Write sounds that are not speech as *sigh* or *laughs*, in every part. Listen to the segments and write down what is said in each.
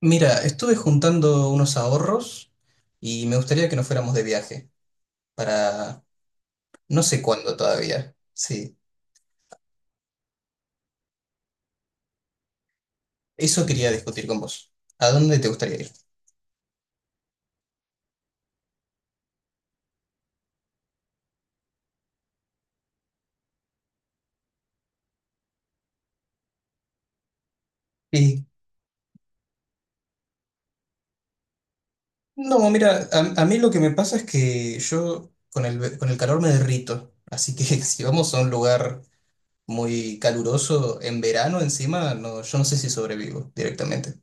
Mira, estuve juntando unos ahorros y me gustaría que nos fuéramos de viaje para no sé cuándo todavía. Sí, eso quería discutir con vos. ¿A dónde te gustaría ir? Y no, mira, a mí lo que me pasa es que yo con el calor me derrito, así que *laughs* si vamos a un lugar muy caluroso en verano encima, no, yo no sé si sobrevivo directamente.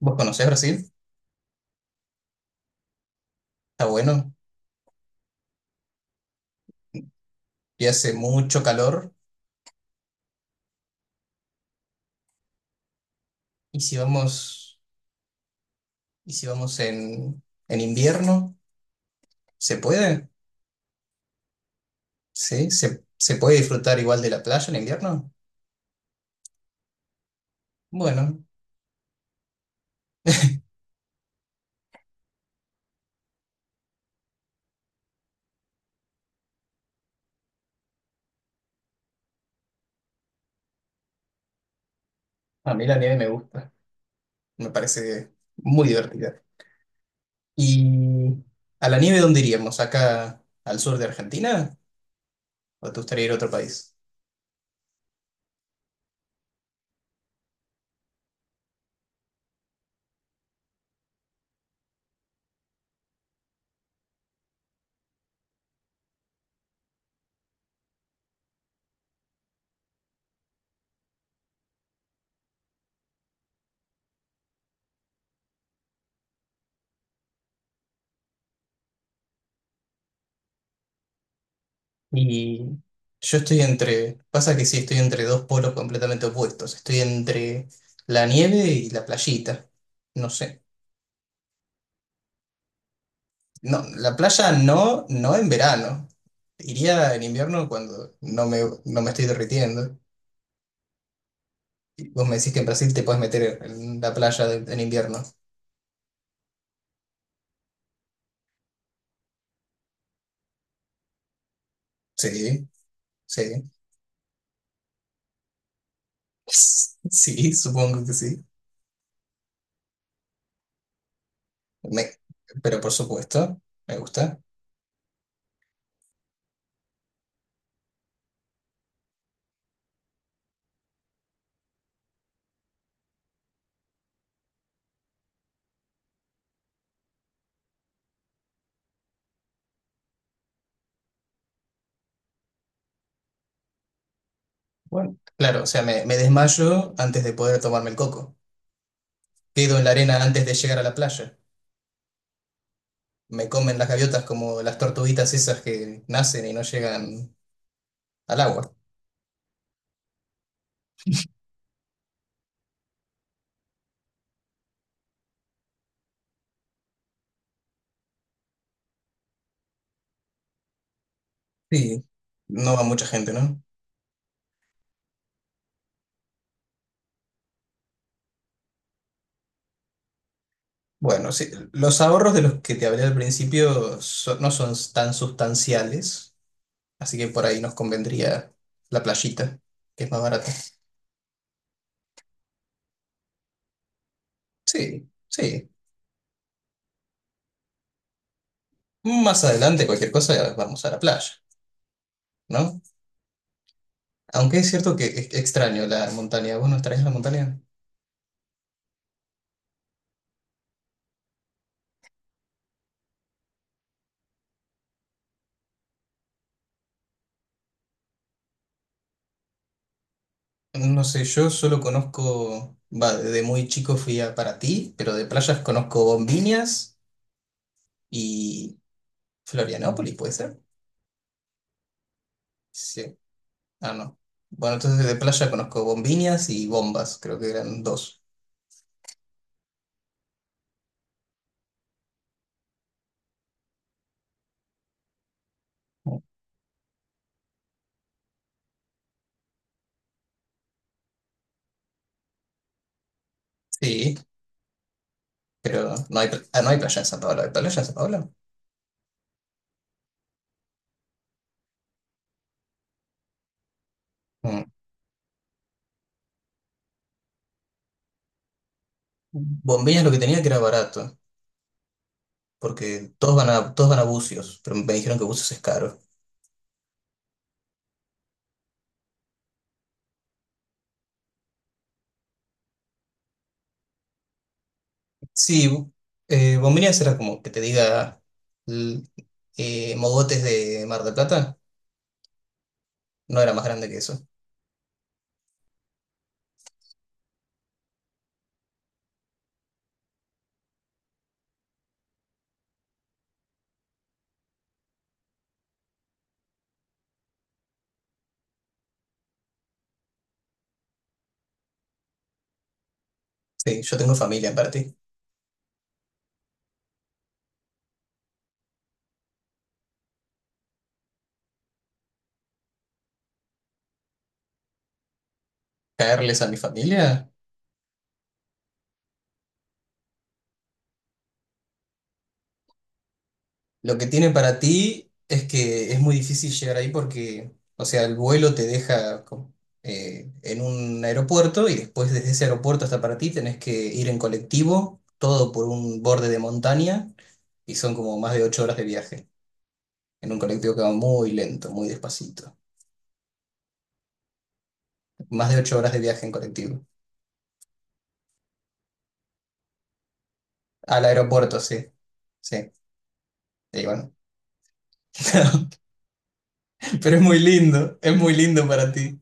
¿Vos conocés Brasil? Está bueno y hace mucho calor. ¿Y si vamos... ¿Y si vamos en invierno? ¿Se puede? ¿Sí? ¿Se puede disfrutar igual de la playa en invierno? Bueno, a mí la nieve me gusta. Me parece muy divertida. ¿Y a la nieve dónde iríamos? ¿Acá al sur de Argentina? ¿O te gustaría ir a otro país? Y Pasa que sí, estoy entre dos polos completamente opuestos. Estoy entre la nieve y la playita. No sé. No, la playa no, no en verano. Iría en invierno cuando no me estoy derritiendo. Y vos me decís que en Brasil te puedes meter en la playa en invierno. Sí, sí. *laughs* Sí, supongo que sí. Me- pero por supuesto, me gusta. Bueno, claro, o sea, me desmayo antes de poder tomarme el coco. Quedo en la arena antes de llegar a la playa. Me comen las gaviotas como las tortuguitas esas que nacen y no llegan al agua. Sí, no va mucha gente, ¿no? Bueno, sí, los ahorros de los que te hablé al principio no son tan sustanciales, así que por ahí nos convendría la playita, que es más barata. Sí, sí. Más adelante, cualquier cosa, vamos a la playa, ¿no? Aunque es cierto que es extraño la montaña. ¿Vos no extrañas la montaña? No sé, yo solo conozco, va, desde muy chico fui a Paraty, pero de playas conozco Bombiñas y Florianópolis, ¿puede ser? Sí. Ah, no. Bueno, entonces de playa conozco Bombiñas y Bombas, creo que eran dos. Sí, pero no hay playa en San Pablo. ¿Hay playa en San Pablo? Mm. Bombiñas lo que tenía que era barato, porque todos van a Bucios, pero me dijeron que Bucios es caro. Sí, bombiñas era como que te diga l- mogotes de Mar del Plata, no era más grande que eso. Sí, yo tengo familia en ti. ¿Caerles a mi familia? Lo que tiene para ti es que es muy difícil llegar ahí porque, o sea, el vuelo te deja en un aeropuerto y después desde ese aeropuerto hasta para ti tenés que ir en colectivo, todo por un borde de montaña y son como más de 8 horas de viaje en un colectivo que va muy lento, muy despacito. Más de ocho horas de viaje en colectivo. Al aeropuerto, sí, sí. Y bueno, *laughs* pero es muy lindo para ti.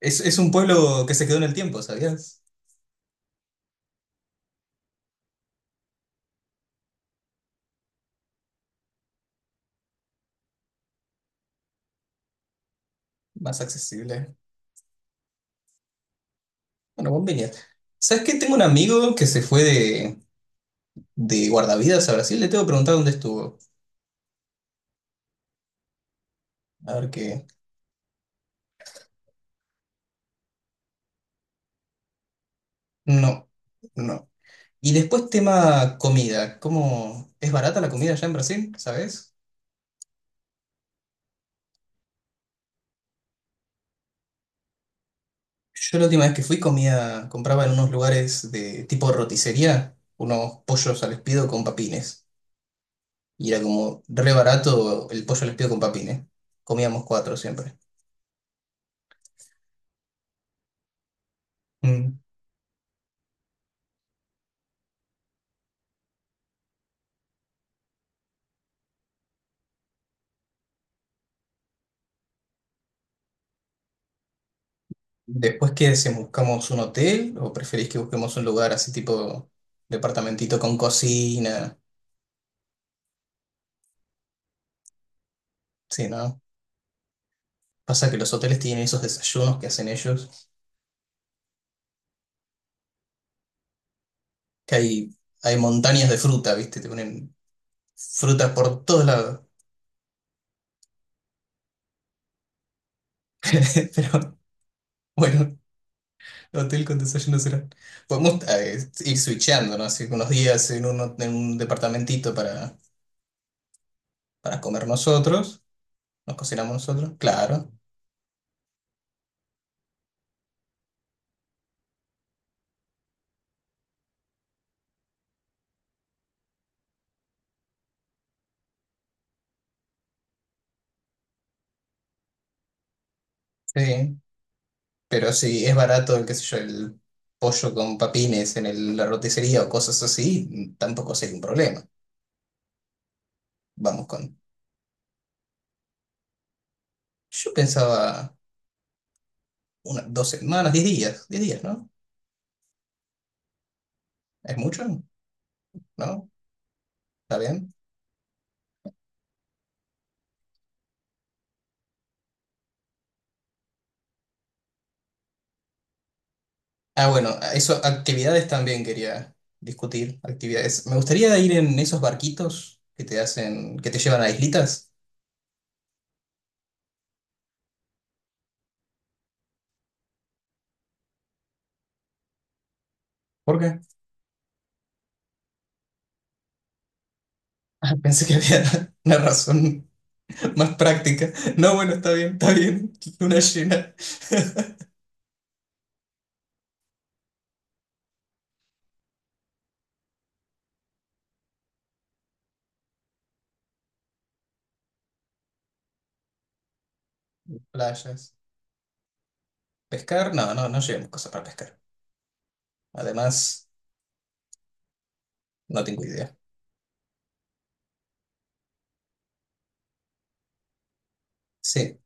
Es un pueblo que se quedó en el tiempo, ¿sabías? Más accesible. Bueno, vos, ¿sabes qué? Tengo un amigo que se fue de guardavidas a Brasil. Le tengo que preguntar dónde estuvo. A ver qué. No, no. Y después tema comida. ¿Cómo es barata la comida allá en Brasil? ¿Sabes? Yo la última vez que fui comía, compraba en unos lugares de tipo roticería unos pollos al espiedo con papines. Y era como re barato el pollo al espiedo con papines. Comíamos cuatro siempre. Después que si buscamos un hotel o preferís que busquemos un lugar así tipo departamentito con cocina, sí, ¿no? Pasa que los hoteles tienen esos desayunos que hacen ellos, que hay montañas de fruta, ¿viste? Te ponen fruta por todos lados. *laughs* Pero bueno, hotel con desayuno será. Podemos ir switchando, ¿no? Así que unos días en un departamentito para comer nosotros, nos cocinamos nosotros, claro, sí. Pero si es barato, qué sé yo, el pollo con papines en la roticería o cosas así, tampoco sería un problema. Vamos con... Yo pensaba unas 2 semanas, 10 días, 10 días, ¿no? ¿Es mucho? ¿No? ¿Está bien? Ah, bueno, eso, actividades también quería discutir, actividades. Me gustaría ir en esos barquitos que te hacen, que te llevan a islitas. ¿Por qué? *laughs* Ah, pensé que había *laughs* una razón más práctica. No, bueno, está bien, está bien. Luna llena, playas. ¿Pescar? No, no, no llevamos cosas para pescar. Además, no tengo idea. Sí,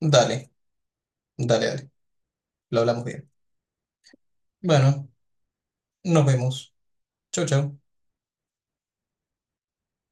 dale, dale, dale. Lo hablamos bien. Bueno, nos vemos. Chau, chau.